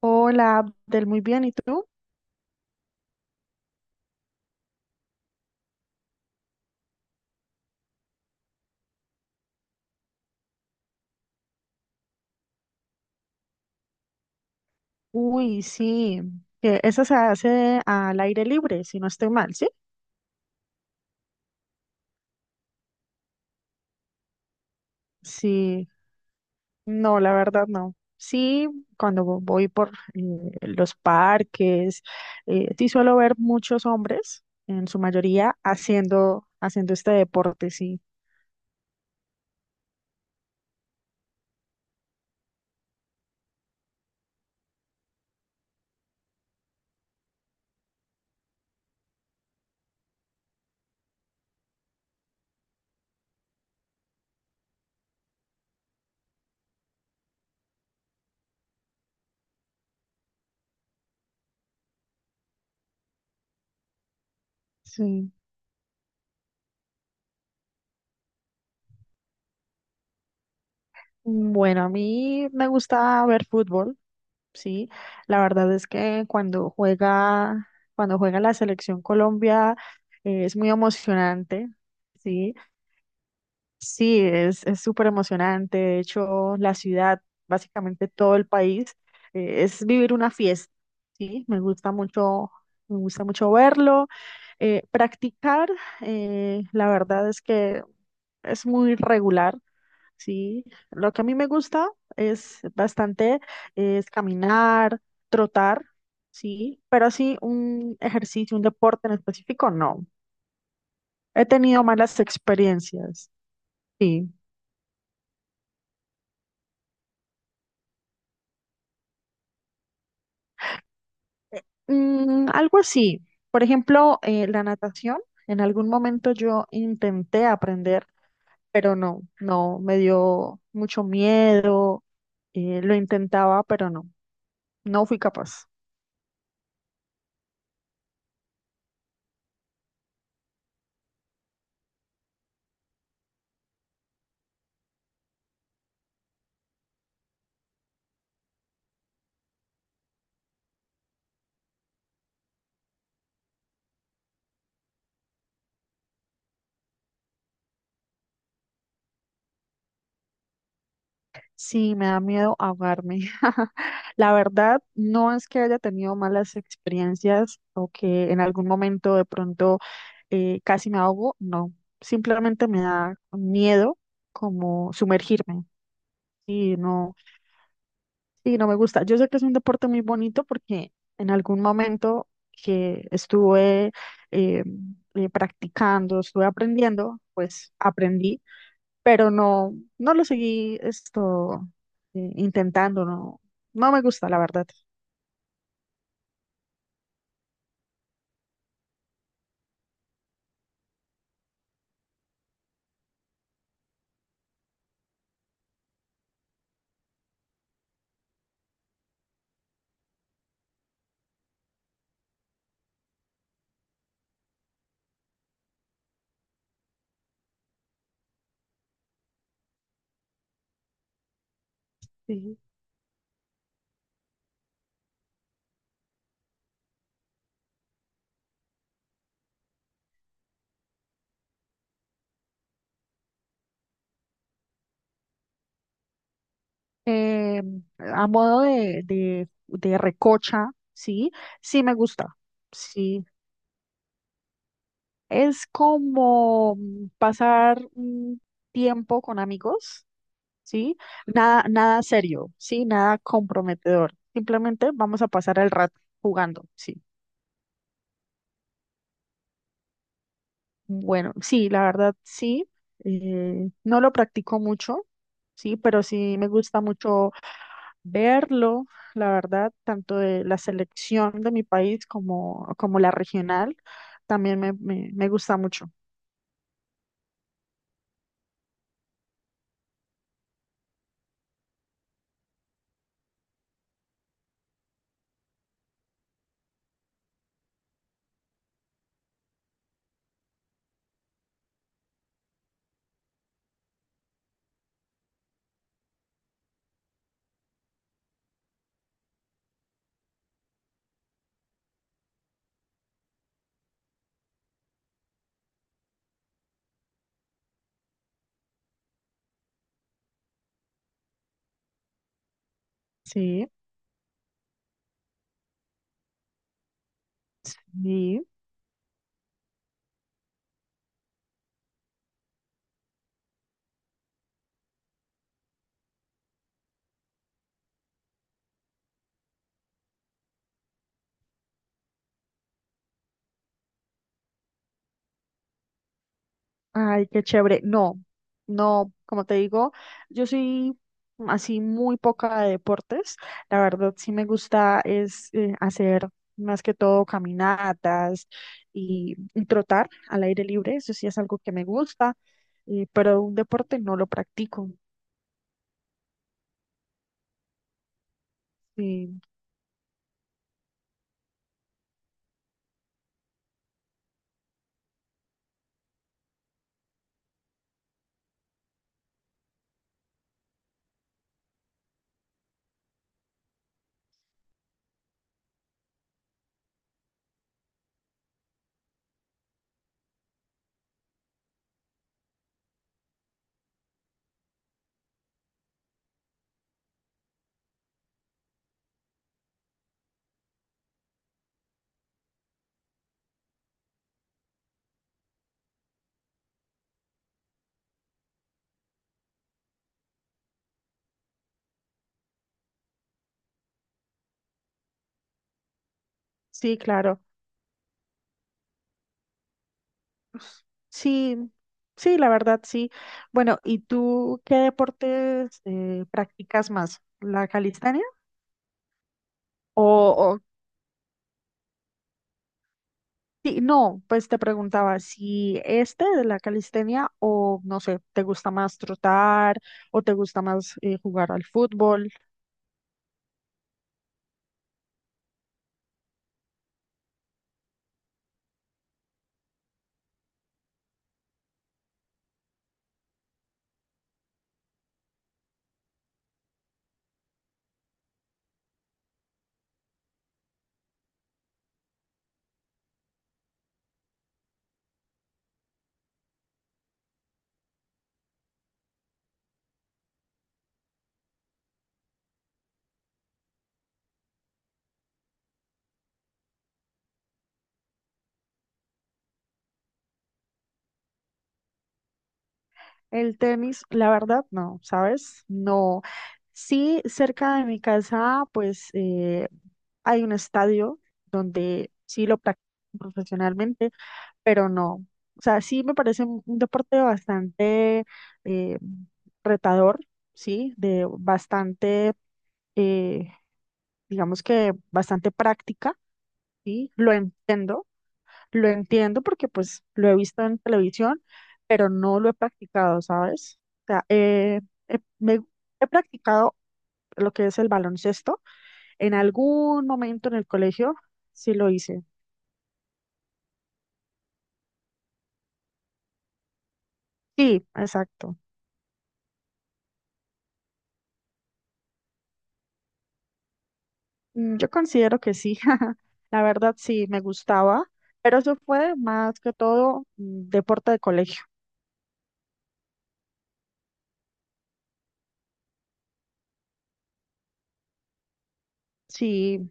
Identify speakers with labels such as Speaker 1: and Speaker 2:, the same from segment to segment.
Speaker 1: Hola, Abdel, muy bien, ¿y tú? Uy, sí, que esa se hace al aire libre, si no estoy mal, ¿sí? Sí, no, la verdad no. Sí, cuando voy por los parques, sí suelo ver muchos hombres, en su mayoría, haciendo este deporte, sí. Sí. Bueno, a mí me gusta ver fútbol. Sí, la verdad es que cuando juega la selección Colombia, es muy emocionante, sí, sí, es súper emocionante. De hecho, la ciudad, básicamente todo el país, es vivir una fiesta, sí, me gusta mucho verlo. Practicar, la verdad es que es muy regular. Sí, lo que a mí me gusta es bastante, es caminar, trotar, sí, pero así un ejercicio, un deporte en específico, no. He tenido malas experiencias, sí. Mm, algo así, por ejemplo, la natación, en algún momento yo intenté aprender, pero no, me dio mucho miedo, lo intentaba, pero no, no fui capaz. Sí, me da miedo ahogarme. La verdad, no es que haya tenido malas experiencias o que en algún momento de pronto casi me ahogo, no. Simplemente me da miedo como sumergirme y no, y no me gusta. Yo sé que es un deporte muy bonito porque en algún momento que estuve eh, practicando, estuve aprendiendo, pues aprendí, pero no, no lo seguí esto intentando, no, no me gusta, la verdad. Sí. Eh, a modo de recocha, sí, sí me gusta, sí. Es como mm, pasar un tiempo con amigos, sí, nada serio, sí, nada comprometedor. Simplemente vamos a pasar el rato jugando, sí. Bueno, sí, la verdad sí. No lo practico mucho, sí, pero sí me gusta mucho verlo, la verdad, tanto de la selección de mi país como, como la regional, también me gusta mucho, sí. Ay, qué chévere. No, no, como te digo, yo soy así muy poca de deportes. La verdad, sí me gusta es hacer más que todo caminatas y trotar al aire libre. Eso sí es algo que me gusta, pero un deporte no lo practico. Sí, sí, claro. Sí, sí, la verdad, sí. Bueno, ¿y tú qué deportes practicas más? ¿La calistenia? ¿O sí? No, pues te preguntaba si este de la calistenia o no sé, te gusta más trotar o te gusta más jugar al fútbol, el tenis. La verdad no, ¿sabes? No. Sí, cerca de mi casa pues hay un estadio donde sí lo practico profesionalmente, pero no. O sea, sí me parece un deporte bastante eh, retador, sí, de bastante... eh, digamos que bastante práctica, ¿sí? Lo entiendo porque pues lo he visto en televisión, pero no lo he practicado, ¿sabes? O sea, he, me- he practicado lo que es el baloncesto. En algún momento en el colegio sí lo hice. Sí, exacto. Mm, yo considero que sí. La verdad sí, me gustaba, pero eso fue más que todo mm, deporte de colegio. Sí,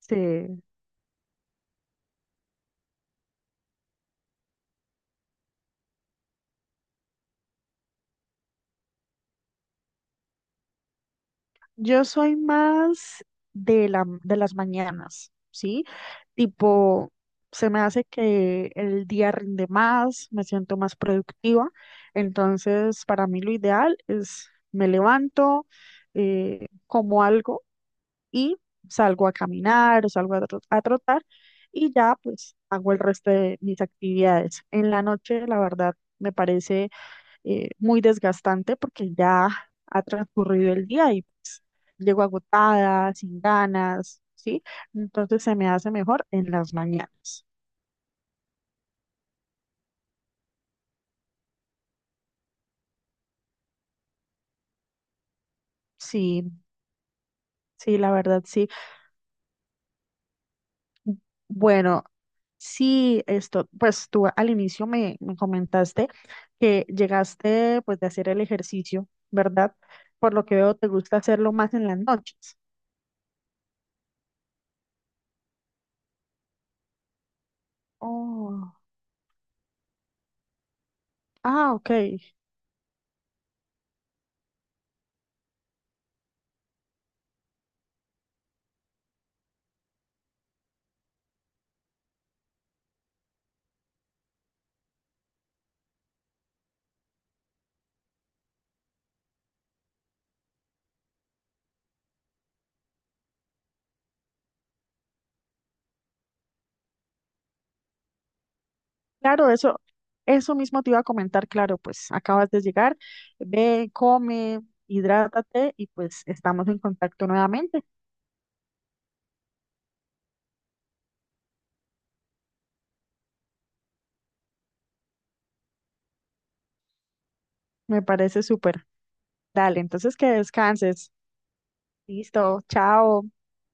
Speaker 1: sí. Yo soy más de las mañanas, ¿sí? Tipo, se me hace que el día rinde más, me siento más productiva. Entonces, para mí lo ideal es: me levanto, como algo y salgo a caminar o salgo a a trotar y ya pues hago el resto de mis actividades. En la noche, la verdad, me parece muy desgastante porque ya ha transcurrido el día y pues, llego agotada, sin ganas, ¿sí? Entonces se me hace mejor en las mañanas. Sí, sí, la verdad, sí. Bueno, sí, esto, pues tú al inicio me comentaste que llegaste pues de hacer el ejercicio, ¿verdad? Por lo que veo, te gusta hacerlo más en las noches. Oh, ah, ok. Claro, eso mismo te iba a comentar, claro, pues acabas de llegar, ve, come, hidrátate y pues estamos en contacto nuevamente. Me parece súper. Dale, entonces que descanses. Listo, chao.